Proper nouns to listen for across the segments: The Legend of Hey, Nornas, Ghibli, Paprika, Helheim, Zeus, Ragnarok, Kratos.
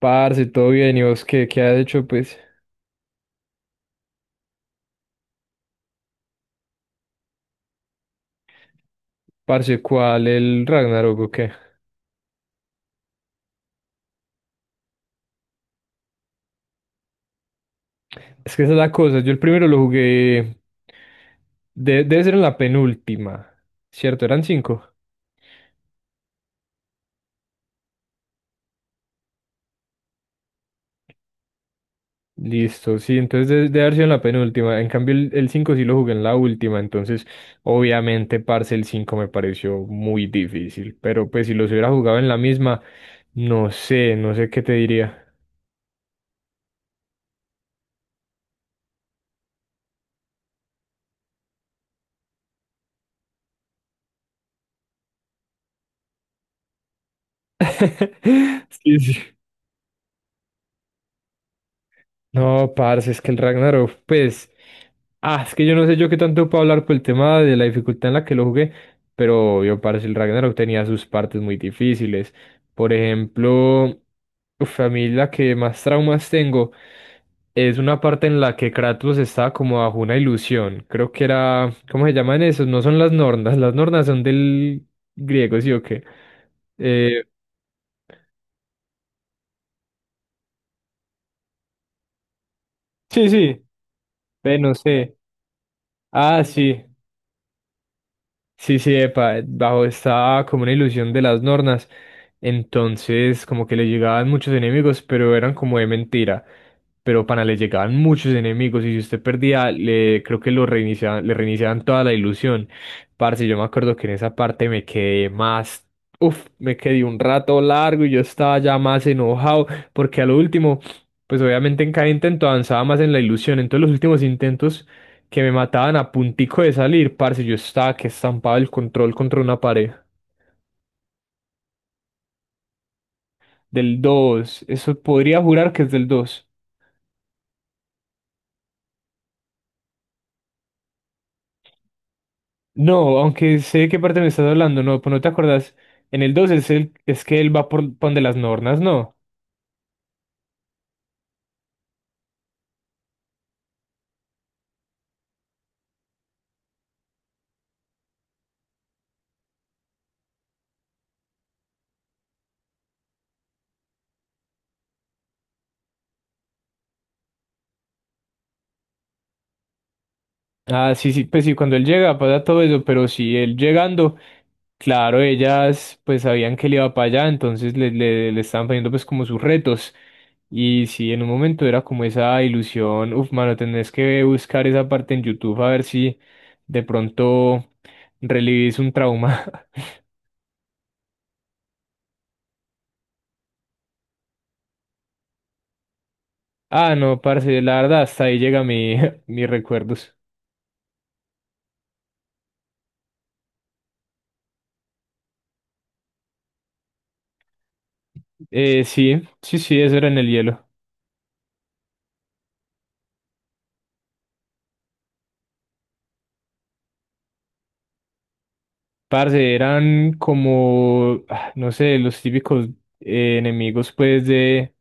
Parce, todo bien, ¿y vos qué has hecho, pues? Parce, ¿cuál? ¿El Ragnarok o qué? Es que esa es la cosa, yo el primero lo jugué... debe ser en la penúltima, ¿cierto? Eran cinco. Listo, sí, entonces debe haber sido en la penúltima. En cambio, el 5 sí lo jugué en la última, entonces obviamente, parce, el 5 me pareció muy difícil, pero pues si los hubiera jugado en la misma, no sé, no sé qué te diría. Sí, sí. No, parce, es que el Ragnarok, pues, es que yo no sé yo qué tanto puedo hablar por el tema de la dificultad en la que lo jugué, pero yo, parce, el Ragnarok tenía sus partes muy difíciles. Por ejemplo, a mí la que más traumas tengo es una parte en la que Kratos estaba como bajo una ilusión. Creo que era, ¿cómo se llaman esos? No son las nornas son del griego, ¿sí o qué? Eh, Sí, sí. Ve, no sé. Ah, sí. Sí, sí, epa, bajo estaba como una ilusión de las Nornas. Entonces, como que le llegaban muchos enemigos, pero eran como de mentira. Pero pana, le llegaban muchos enemigos y si usted perdía, le creo que lo reiniciaban, le reiniciaban toda la ilusión. Parce, yo me acuerdo que en esa parte me quedé más, me quedé un rato largo y yo estaba ya más enojado porque a lo último, pues obviamente en cada intento avanzaba más en la ilusión. Entonces, los últimos intentos que me mataban a puntico de salir, parce, yo estaba que estampaba el control contra una pared. Del 2 eso podría jurar que es del dos. No, aunque sé de qué parte me estás hablando, no, pues no te acordás. En el 2 es, el, es que él va por donde las nornas, ¿no? Ah, sí, sí, pues sí, cuando él llega pasa todo eso, pero si él llegando, claro, ellas pues sabían que él iba para allá, entonces le estaban poniendo pues como sus retos. Y sí, en un momento era como esa ilusión, uf, mano, tenés que buscar esa parte en YouTube a ver si de pronto relivís un trauma. Ah, no, parce, la verdad, hasta ahí llega mi, mis recuerdos. Sí, sí, sí, eso era en el hielo. Parce, eran como, no sé, los típicos enemigos, pues, de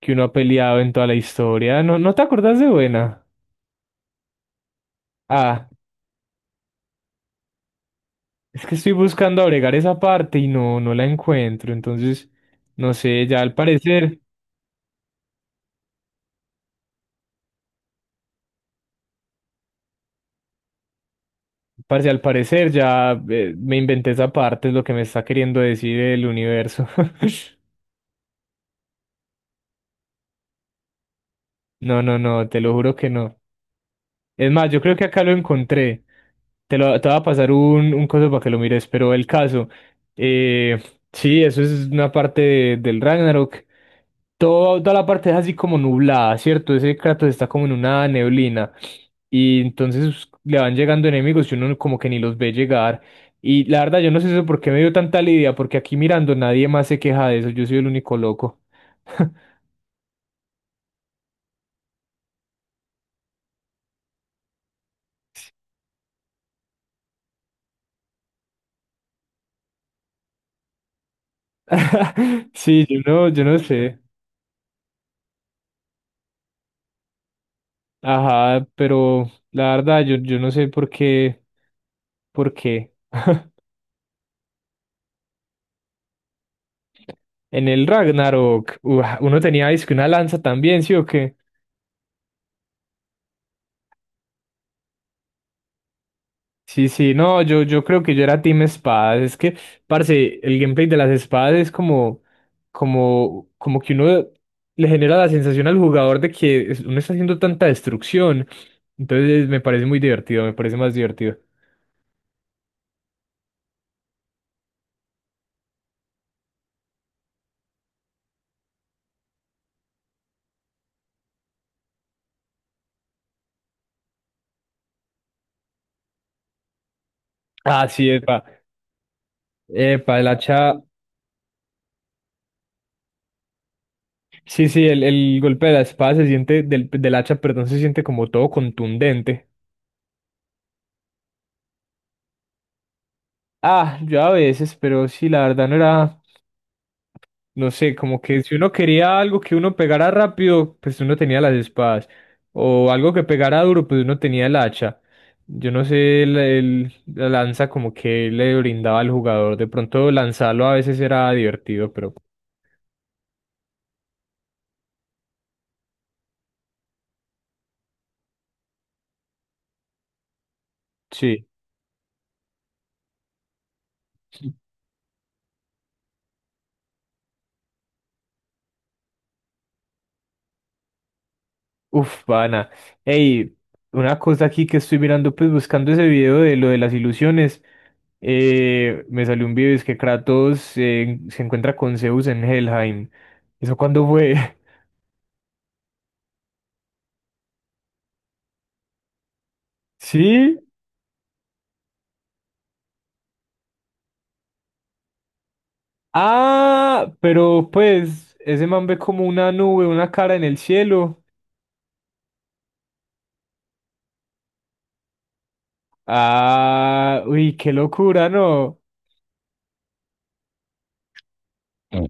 que uno ha peleado en toda la historia. ¿No, no te acordás de buena? Ah, es que estoy buscando agregar esa parte y no, no la encuentro. Entonces, no sé, ya al parecer, parce, al parecer ya me inventé esa parte, es lo que me está queriendo decir el universo. No, no, no, te lo juro que no. Es más, yo creo que acá lo encontré. Te voy a pasar un coso para que lo mires, pero el caso, eh, sí, eso es una parte del Ragnarok. Toda la parte es así como nublada, ¿cierto? Ese Kratos está como en una neblina. Y entonces le van llegando enemigos y uno como que ni los ve llegar. Y la verdad, yo no sé eso por qué me dio tanta lidia, porque aquí mirando nadie más se queja de eso. Yo soy el único loco. Sí, yo no, yo no sé. Ajá, pero la verdad, yo no sé por qué, por qué. En el Ragnarok, ua, uno tenía es que una lanza también, ¿sí o qué? Sí, sí, no, yo creo que yo era team espadas. Es que, parce, el gameplay de las espadas es como, como, como que uno le genera la sensación al jugador de que uno está haciendo tanta destrucción. Entonces me parece muy divertido, me parece más divertido. Ah, sí, epa. Epa, el hacha. Sí, sí, el golpe de la espada se siente, del hacha, perdón, se siente como todo contundente. Ah, yo a veces, pero sí, la verdad no era, no sé, como que si uno quería algo que uno pegara rápido, pues uno tenía las espadas. O algo que pegara duro, pues uno tenía el hacha. Yo no sé, la lanza como que le brindaba al jugador. De pronto lanzarlo a veces era divertido, pero sí. Uf, pana. Ey, una cosa aquí que estoy mirando, pues buscando ese video de lo de las ilusiones. Me salió un video, es que Kratos se encuentra con Zeus en Helheim. ¿Eso cuándo fue? ¿Sí? Ah, pero pues ese man ve como una nube, una cara en el cielo. Ah, uy, qué locura, ¿no? Mm.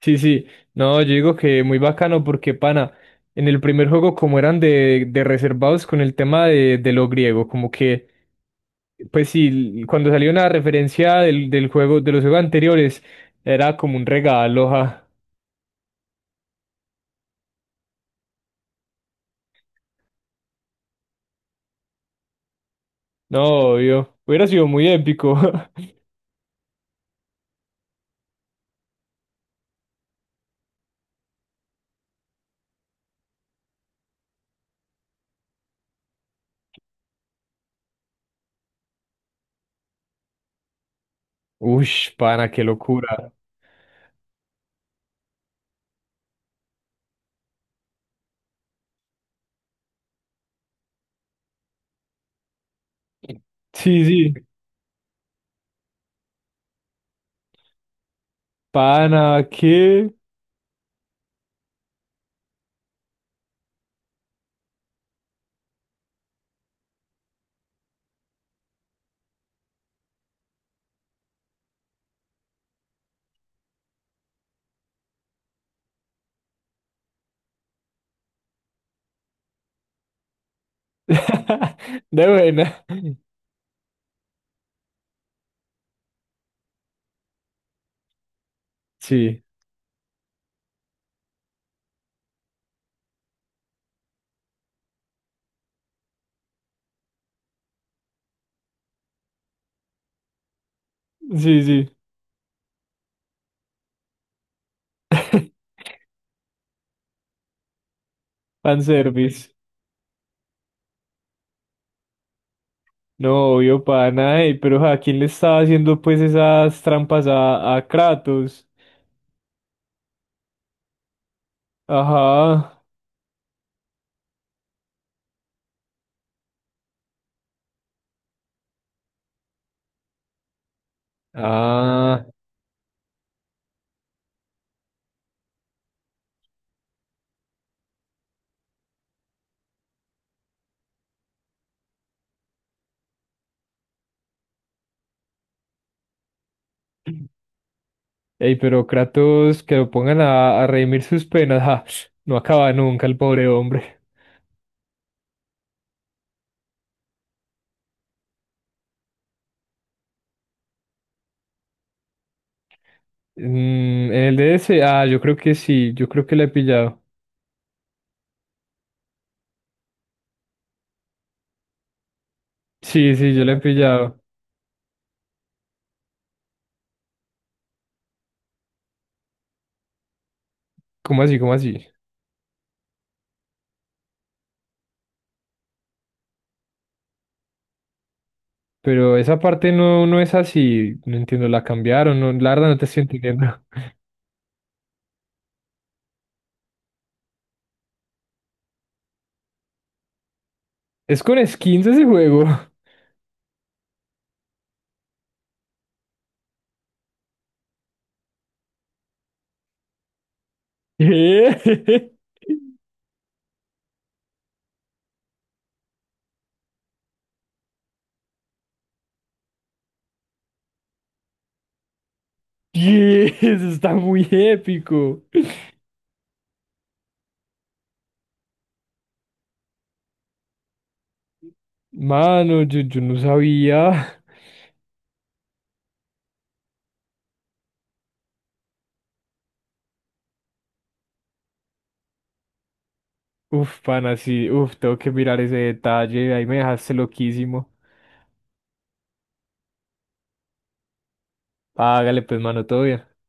Sí, sí. No, yo digo que muy bacano porque, pana, en el primer juego como eran de reservados con el tema de lo griego, como que pues sí, cuando salió una referencia del juego, de los juegos anteriores, era como un regalo, ja. No, obvio. Hubiera sido muy épico. Ush, pana, qué locura. Sí, sí. Pana, qué. De buena. Sí, sí, sí. Fanservice. No, obvio, pana, ey, pero ¿a quién le estaba haciendo pues esas trampas a Kratos? Ajá. Ah. Ey, pero Kratos, que lo pongan a redimir sus penas, ja, no acaba nunca el pobre hombre. Mm, en el D. DS, ah, yo creo que sí, yo creo que la he pillado. Sí, sí, yo la he pillado. ¿Cómo así, cómo así? Pero esa parte no, no es así, no entiendo, la cambiaron, no, la verdad no te estoy entendiendo. Es con skins ese juego. ¿Qué? Yes, está muy épico. Mano, yo no sabía. Uf, pana, sí, uf, tengo que mirar ese detalle, ahí me dejaste loquísimo. Hágale pues, mano, todo bien.